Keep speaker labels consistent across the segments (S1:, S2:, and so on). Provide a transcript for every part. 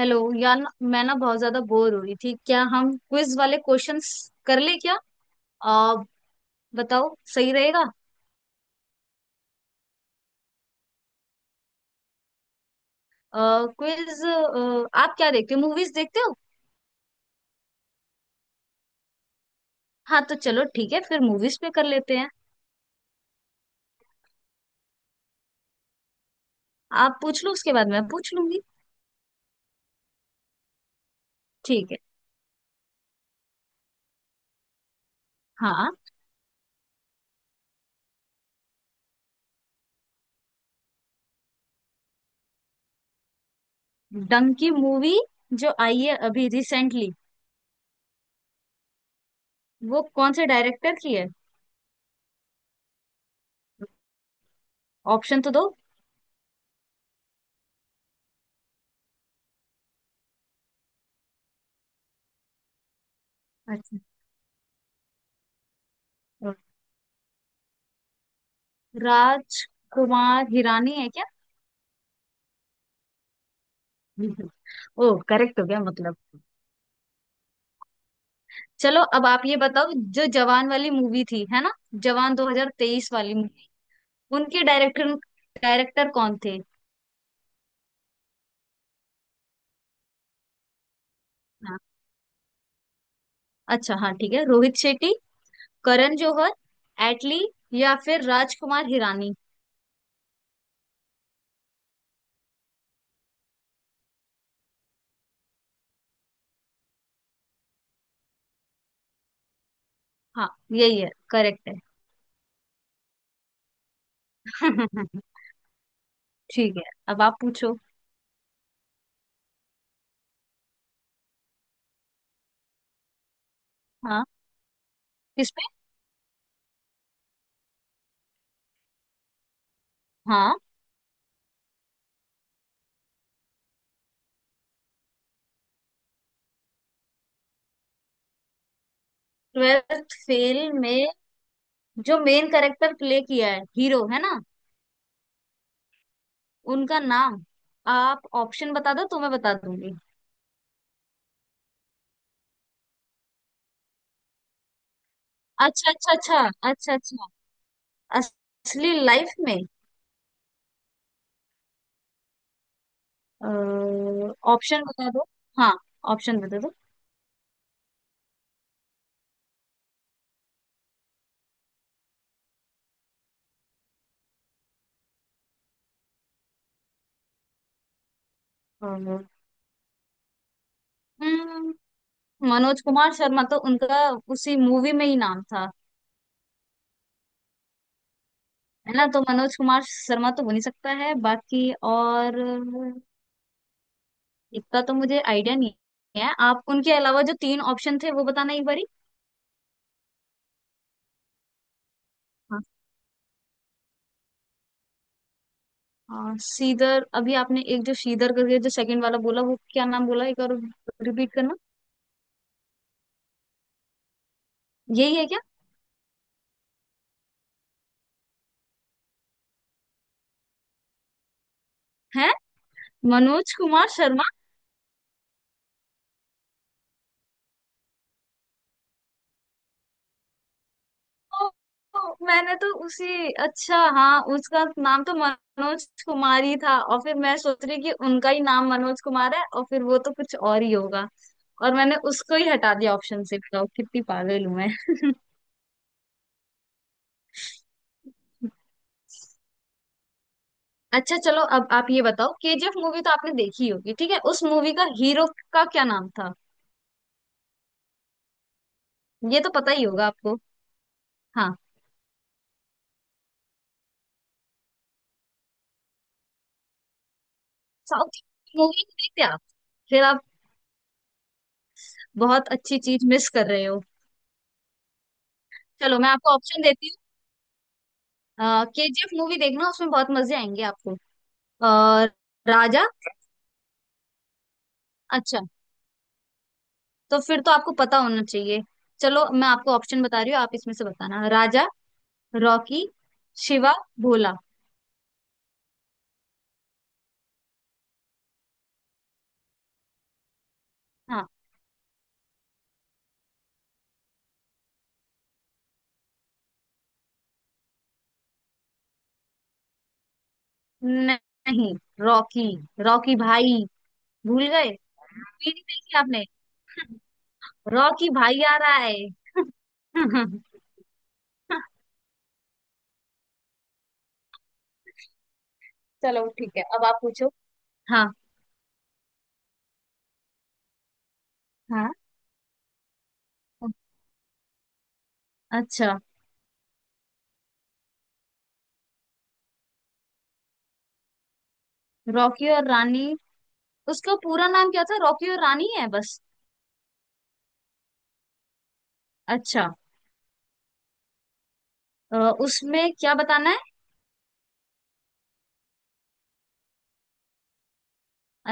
S1: Hello यार मैं ना बहुत ज्यादा बोर हो रही थी। क्या हम क्विज वाले क्वेश्चंस कर ले क्या? आ, बताओ सही रहेगा। क्विज। आप क्या देखते हो? मूवीज देखते हो? हाँ तो चलो ठीक है फिर मूवीज पे कर लेते हैं। आप पूछ लो उसके बाद मैं पूछ लूंगी। ठीक है। हाँ। डंकी मूवी जो आई है अभी रिसेंटली वो कौन से डायरेक्टर की है? ऑप्शन तो दो। अच्छा, राज कुमार हिरानी है क्या? ओ करेक्ट हो गया मतलब। चलो अब आप ये बताओ जो जवान वाली मूवी थी है ना, जवान 2023 वाली मूवी, उनके डायरेक्टर डायरेक्टर कौन थे? हाँ। अच्छा हाँ, ठीक है। रोहित शेट्टी, करण जौहर, एटली या फिर राजकुमार हिरानी? हाँ यही है, करेक्ट है। ठीक है, अब आप पूछो। हाँ। किसमें? हाँ। ट्वेल्थ फेल में जो मेन कैरेक्टर प्ले किया है, हीरो है ना, उनका नाम? आप ऑप्शन बता दो तो मैं बता दूंगी। अच्छा अच्छा अच्छा। अच्छा अच्छा। असली लाइफ में। ऑप्शन बता दो। हाँ, ऑप्शन बता दो। अ, हम्म, मनोज कुमार शर्मा तो उनका उसी मूवी में ही नाम था, है ना? तो मनोज कुमार शर्मा तो हो नहीं सकता है। बाकी और इतना तो मुझे आइडिया नहीं है। आप उनके अलावा जो तीन ऑप्शन थे वो बताना एक बारी। हाँ। हाँ, सीदर अभी आपने एक जो सीदर करके जो सेकंड वाला बोला वो क्या नाम बोला एक और? रिपीट करना। यही है क्या? है मनोज कुमार शर्मा। ओ, मैंने तो उसी अच्छा हाँ, उसका नाम तो मनोज कुमार ही था और फिर मैं सोच रही कि उनका ही नाम मनोज कुमार है और फिर वो तो कुछ और ही होगा। और मैंने उसको ही हटा दिया ऑप्शन से। बताओ कितनी पागल हूं मैं। अच्छा चलो अब आप ये बताओ, केजीएफ मूवी तो आपने देखी होगी, ठीक है, उस मूवी का हीरो का क्या नाम था? ये तो पता ही होगा आपको। हाँ। साउथ मूवी देखते आप, फिर आप बहुत अच्छी चीज मिस कर रहे हो। चलो मैं आपको ऑप्शन देती हूँ। केजीएफ मूवी देखना, उसमें बहुत मजे आएंगे आपको। और राजा। अच्छा तो फिर तो आपको पता होना चाहिए। चलो मैं आपको ऑप्शन बता रही हूँ, आप इसमें से बताना। राजा, रॉकी, शिवा, भोला। हाँ। न- नहीं, रॉकी, रॉकी भाई। भूल गए? भी नहीं देखी आपने। रॉकी भाई आ रहा है। चलो ठीक है, अब आप पूछो। हाँ। हाँ। अच्छा। रॉकी और रानी, उसका पूरा नाम क्या था? रॉकी और रानी है बस? अच्छा। अ, उसमें क्या बताना है?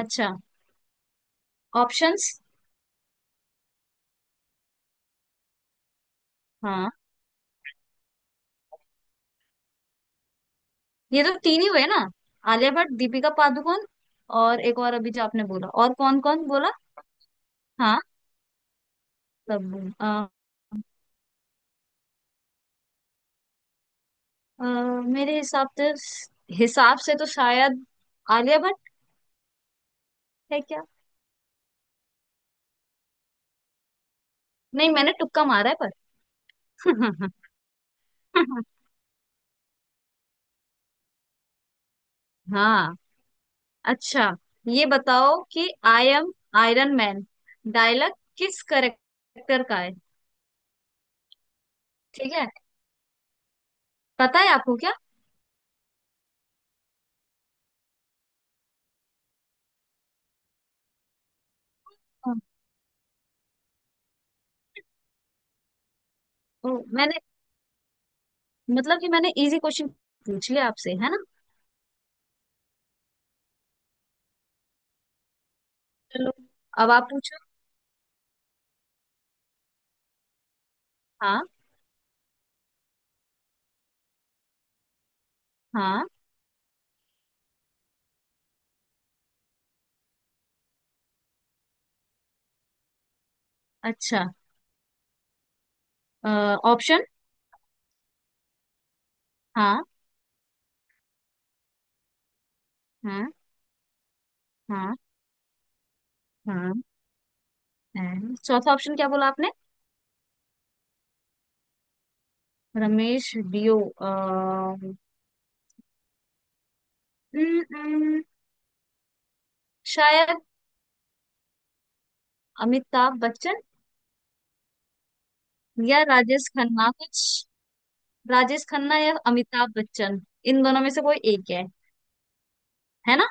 S1: अच्छा। ऑप्शंस। हाँ। ये तो तीन ही हुए ना, आलिया भट्ट, दीपिका पादुकोण और एक और? अभी जो आपने बोला, और कौन कौन बोला? हाँ। सब अ, मेरे हिसाब से, हिसाब से तो शायद आलिया भट्ट। है क्या? नहीं मैंने तुक्का मारा है। पर हाँ। अच्छा ये बताओ कि I am Iron Man dialogue किस करेक्टर का है? ठीक है। पता है आपको क्या? ओ, मैंने मतलब कि मैंने इजी क्वेश्चन पूछ लिया आपसे, है ना? चलो अब आप पूछो। हाँ। हाँ। अच्छा। ऑप्शन। हाँ। हाँ। हाँ। हाँ। हाँ। चौथा ऑप्शन क्या बोला आपने? रमेश डियो। हम्म, शायद अमिताभ बच्चन। या राजेश खन्ना कुछ। राजेश खन्ना या अमिताभ बच्चन, इन दोनों में से कोई एक है। है ना?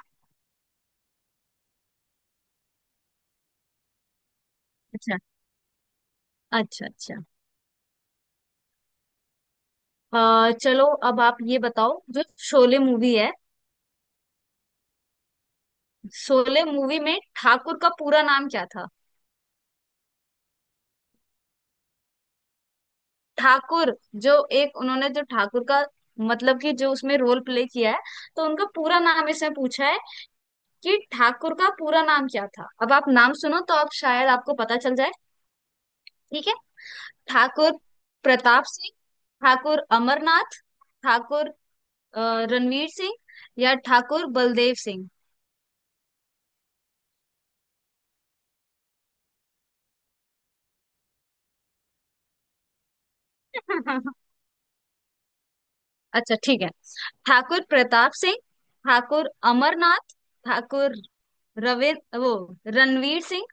S1: अच्छा अच्छा अच्छा। चलो अब आप ये बताओ जो शोले मूवी है, शोले मूवी में ठाकुर का पूरा नाम क्या था? ठाकुर जो, एक उन्होंने जो ठाकुर का, मतलब कि जो उसमें रोल प्ले किया है, तो उनका पूरा नाम इसमें पूछा है कि ठाकुर का पूरा नाम क्या था। अब आप नाम सुनो तो आप शायद आपको पता चल जाए। ठीक है। ठाकुर प्रताप सिंह, ठाकुर अमरनाथ, ठाकुर अ, रणवीर सिंह या ठाकुर बलदेव सिंह। अच्छा ठीक है। ठाकुर प्रताप सिंह, ठाकुर अमरनाथ, ठाकुर रवि, वो रणवीर सिंह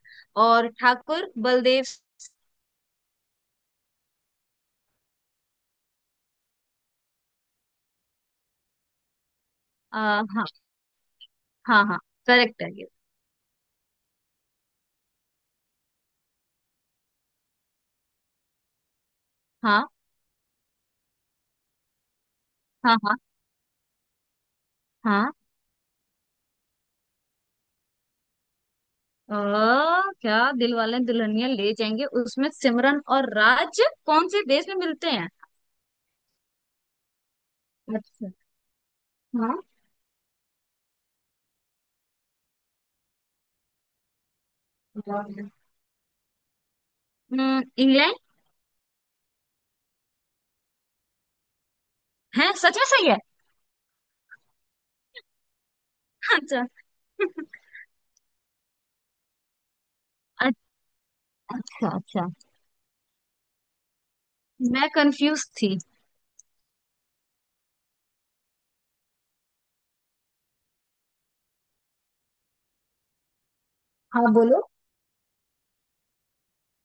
S1: और ठाकुर बलदेव। हाँ। हाँ हाँ। करेक्ट है ये। हाँ। हाँ। हाँ। हाँ। अ, क्या दिल वाले दुल्हनिया ले जाएंगे उसमें सिमरन और राज कौन से देश में मिलते हैं? अच्छा। हाँ। इंग्लैंड है? सच में सही है? अच्छा अच्छा अच्छा। मैं कंफ्यूज थी। हाँ बोलो।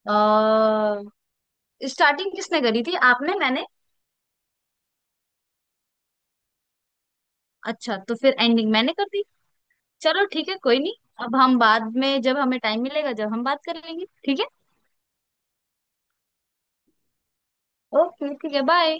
S1: अ, स्टार्टिंग किसने करी थी, आपने मैंने? अच्छा तो फिर एंडिंग मैंने कर दी। चलो ठीक है, कोई नहीं। अब हम बाद में जब हमें टाइम मिलेगा जब हम बात कर लेंगे, ठीक है? ओके ठीक है, बाय।